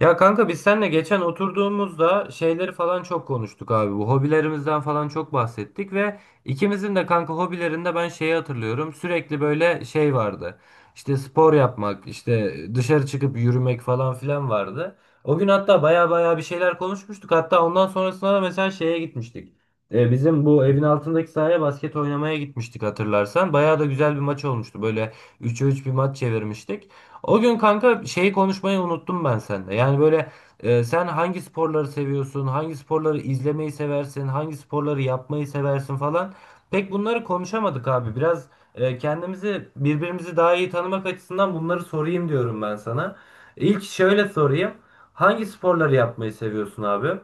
Ya kanka biz seninle geçen oturduğumuzda şeyleri falan çok konuştuk abi. Bu hobilerimizden falan çok bahsettik ve ikimizin de kanka hobilerinde ben şeyi hatırlıyorum. Sürekli böyle şey vardı. İşte spor yapmak, işte dışarı çıkıp yürümek falan filan vardı. O gün hatta baya baya bir şeyler konuşmuştuk. Hatta ondan sonrasında da mesela şeye gitmiştik. Bizim bu evin altındaki sahaya basket oynamaya gitmiştik hatırlarsan. Baya da güzel bir maç olmuştu. Böyle 3'e 3 bir maç çevirmiştik. O gün kanka şeyi konuşmayı unuttum ben sende. Yani böyle sen hangi sporları seviyorsun, hangi sporları izlemeyi seversin, hangi sporları yapmayı seversin falan. Pek bunları konuşamadık abi. Biraz kendimizi birbirimizi daha iyi tanımak açısından bunları sorayım diyorum ben sana. İlk şöyle sorayım. Hangi sporları yapmayı seviyorsun abi?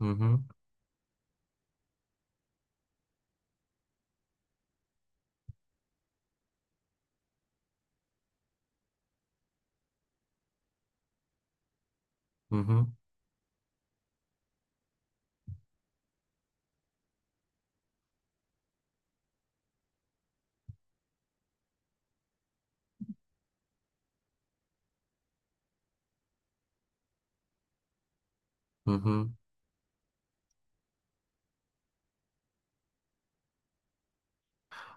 Hı hı. Hı hı. Hı hı.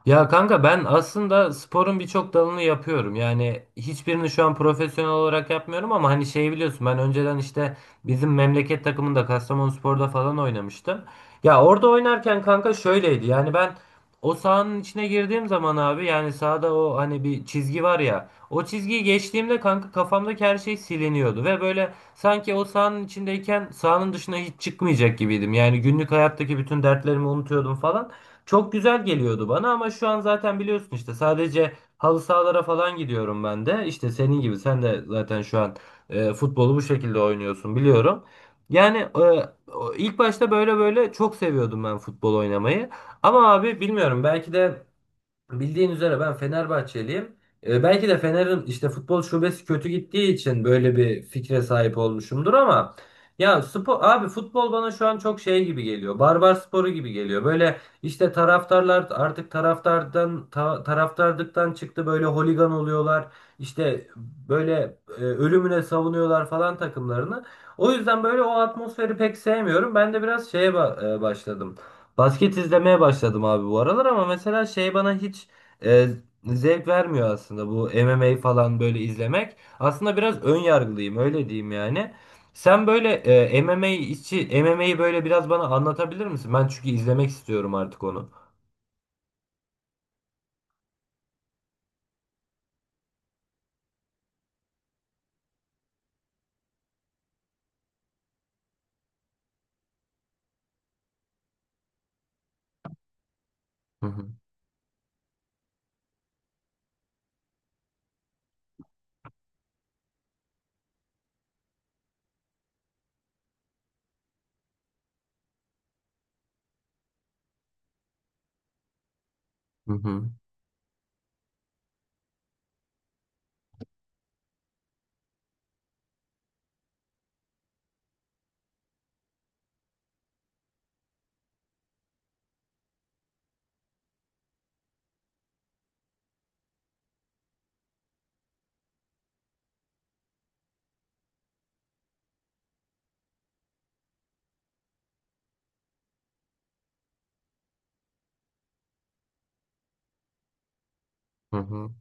Ya kanka ben aslında sporun birçok dalını yapıyorum. Yani hiçbirini şu an profesyonel olarak yapmıyorum ama hani şeyi biliyorsun ben önceden işte bizim memleket takımında Kastamonuspor'da falan oynamıştım. Ya orada oynarken kanka şöyleydi. Yani ben o sahanın içine girdiğim zaman abi yani sahada o hani bir çizgi var ya. O çizgiyi geçtiğimde kanka kafamdaki her şey siliniyordu ve böyle sanki o sahanın içindeyken sahanın dışına hiç çıkmayacak gibiydim. Yani günlük hayattaki bütün dertlerimi unutuyordum falan. Çok güzel geliyordu bana ama şu an zaten biliyorsun işte sadece halı sahalara falan gidiyorum ben de. İşte senin gibi sen de zaten şu an futbolu bu şekilde oynuyorsun biliyorum. Yani ilk başta böyle çok seviyordum ben futbol oynamayı. Ama abi bilmiyorum belki de bildiğin üzere ben Fenerbahçeliyim. E, belki de Fener'in işte futbol şubesi kötü gittiği için böyle bir fikre sahip olmuşumdur ama ya spor abi futbol bana şu an çok şey gibi geliyor. Barbar sporu gibi geliyor. Böyle işte taraftarlar artık taraftarlıktan çıktı böyle holigan oluyorlar. İşte böyle ölümüne savunuyorlar falan takımlarını. O yüzden böyle o atmosferi pek sevmiyorum. Ben de biraz başladım. Basket izlemeye başladım abi bu aralar ama mesela şey bana hiç e, zevk vermiyor aslında bu MMA falan böyle izlemek. Aslında biraz ön yargılıyım öyle diyeyim yani. Sen böyle MMA'yi böyle biraz bana anlatabilir misin? Ben çünkü izlemek istiyorum artık onu. Hı hı. Hı hı. Hı hı.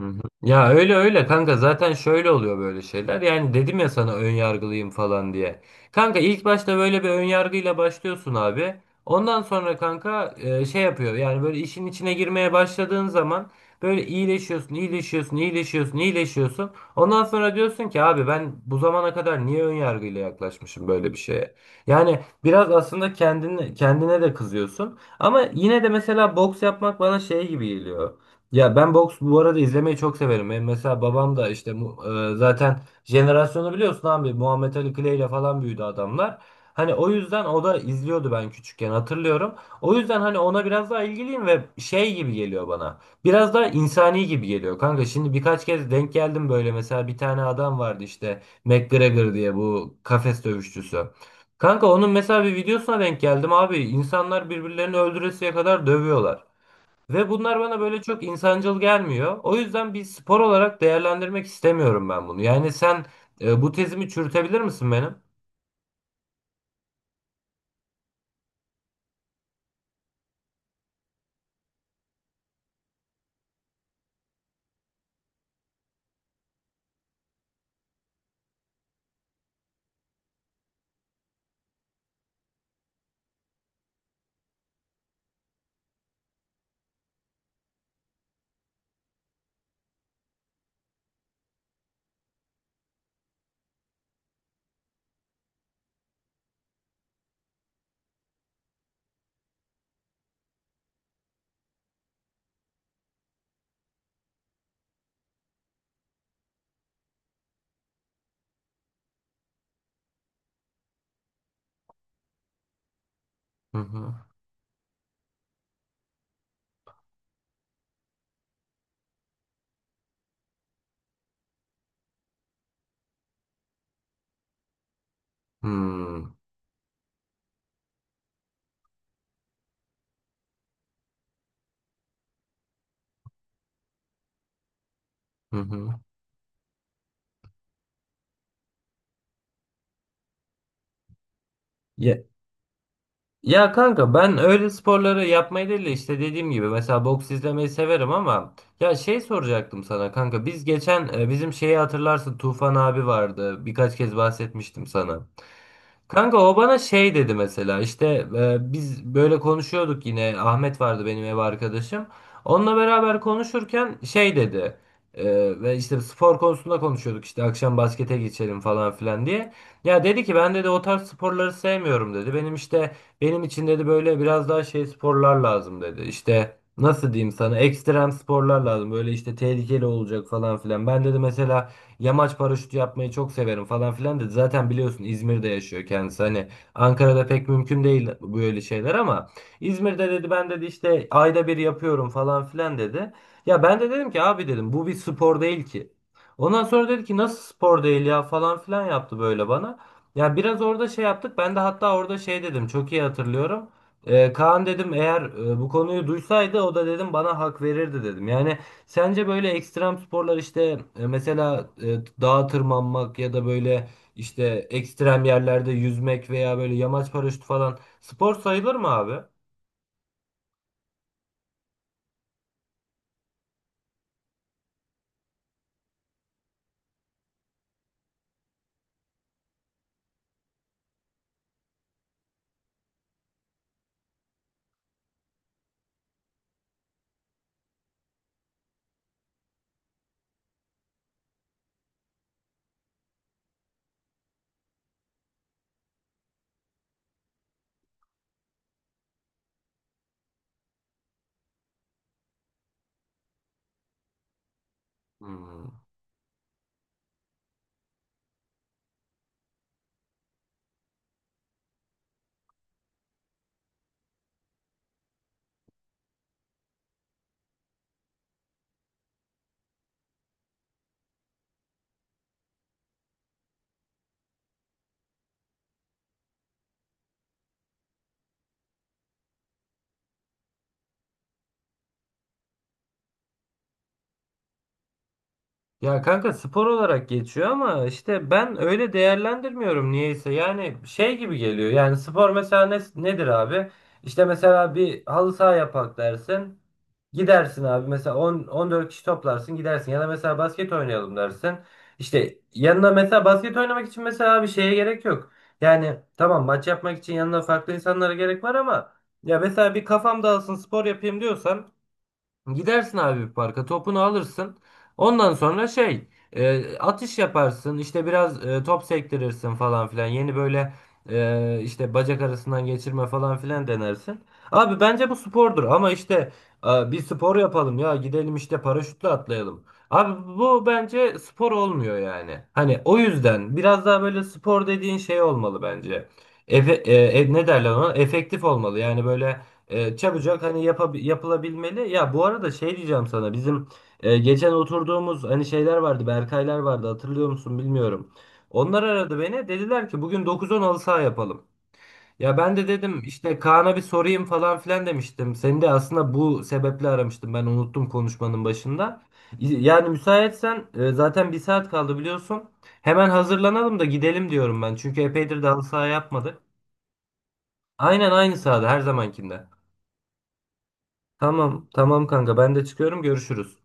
Hı hı. Ya öyle öyle kanka zaten şöyle oluyor böyle şeyler. Yani dedim ya sana ön yargılıyım falan diye. Kanka ilk başta böyle bir ön yargıyla başlıyorsun abi. Ondan sonra kanka şey yapıyor. Yani böyle işin içine girmeye başladığın zaman böyle iyileşiyorsun, iyileşiyorsun, iyileşiyorsun, iyileşiyorsun. Ondan sonra diyorsun ki abi ben bu zamana kadar niye ön yargıyla yaklaşmışım böyle bir şeye? Yani biraz aslında kendine de kızıyorsun. Ama yine de mesela boks yapmak bana şey gibi geliyor. Ya ben boks bu arada izlemeyi çok severim. Benim mesela babam da işte zaten jenerasyonu biliyorsun abi Muhammed Ali Clay ile falan büyüdü adamlar. Hani o yüzden o da izliyordu ben küçükken hatırlıyorum. O yüzden hani ona biraz daha ilgiliyim ve şey gibi geliyor bana. Biraz daha insani gibi geliyor kanka. Şimdi birkaç kez denk geldim böyle mesela bir tane adam vardı işte McGregor diye bu kafes dövüşçüsü. Kanka onun mesela bir videosuna denk geldim abi. İnsanlar birbirlerini öldüresiye kadar dövüyorlar. Ve bunlar bana böyle çok insancıl gelmiyor. O yüzden bir spor olarak değerlendirmek istemiyorum ben bunu. Yani sen bu tezimi çürütebilir misin benim? Hı hı. Hmm. Hı hı. Ya, ya kanka ben öyle sporları yapmayı değil de işte dediğim gibi mesela boks izlemeyi severim ama ya şey soracaktım sana kanka biz geçen bizim şeyi hatırlarsın Tufan abi vardı birkaç kez bahsetmiştim sana. Kanka o bana şey dedi mesela işte biz böyle konuşuyorduk yine Ahmet vardı benim ev arkadaşım. Onunla beraber konuşurken şey dedi e, ve işte spor konusunda konuşuyorduk işte akşam baskete geçelim falan filan diye. Ya dedi ki ben dedi o tarz sporları sevmiyorum dedi. Benim için dedi böyle biraz daha şey sporlar lazım dedi. İşte nasıl diyeyim sana ekstrem sporlar lazım böyle işte tehlikeli olacak falan filan. Ben dedi mesela yamaç paraşütü yapmayı çok severim falan filan dedi. Zaten biliyorsun İzmir'de yaşıyor kendisi. Hani Ankara'da pek mümkün değil böyle şeyler ama İzmir'de dedi ben dedi işte ayda 1 yapıyorum falan filan dedi. Ya ben de dedim ki abi dedim bu bir spor değil ki. Ondan sonra dedi ki nasıl spor değil ya falan filan yaptı böyle bana. Ya biraz orada şey yaptık. Ben de hatta orada şey dedim. Çok iyi hatırlıyorum. Kaan dedim eğer bu konuyu duysaydı o da dedim bana hak verirdi dedim. Yani sence böyle ekstrem sporlar işte dağa tırmanmak ya da böyle işte ekstrem yerlerde yüzmek veya böyle yamaç paraşütü falan spor sayılır mı abi? Hmm. Ya kanka spor olarak geçiyor ama işte ben öyle değerlendirmiyorum niyeyse. Yani şey gibi geliyor. Yani spor mesela nedir abi? İşte mesela bir halı saha yapak dersin. Gidersin abi mesela 10 14 kişi toplarsın gidersin ya da mesela basket oynayalım dersin. İşte yanına mesela basket oynamak için mesela bir şeye gerek yok. Yani tamam maç yapmak için yanına farklı insanlara gerek var ama ya mesela bir kafam dağılsın spor yapayım diyorsan gidersin abi bir parka topunu alırsın. Ondan sonra atış yaparsın işte biraz top sektirirsin falan filan. Yeni böyle işte bacak arasından geçirme falan filan denersin. Abi bence bu spordur ama işte bir spor yapalım ya gidelim işte paraşütle atlayalım. Abi bu bence spor olmuyor yani. Hani o yüzden biraz daha böyle spor dediğin şey olmalı bence. Efe, e, ne derler ona? Efektif olmalı yani böyle. E, çabucak hani yapılabilmeli. Ya bu arada şey diyeceğim sana. Bizim geçen oturduğumuz hani şeyler vardı. Berkaylar vardı. Hatırlıyor musun bilmiyorum. Onlar aradı beni. Dediler ki bugün 9-10 halı saha yapalım. Ya ben de dedim işte Kaan'a bir sorayım falan filan demiştim. Seni de aslında bu sebeple aramıştım. Ben unuttum konuşmanın başında. Yani müsaitsen zaten 1 saat kaldı biliyorsun. Hemen hazırlanalım da gidelim diyorum ben. Çünkü epeydir de halı saha yapmadık. Aynen aynı sahada her zamankinde. Tamam, tamam kanka ben de çıkıyorum görüşürüz.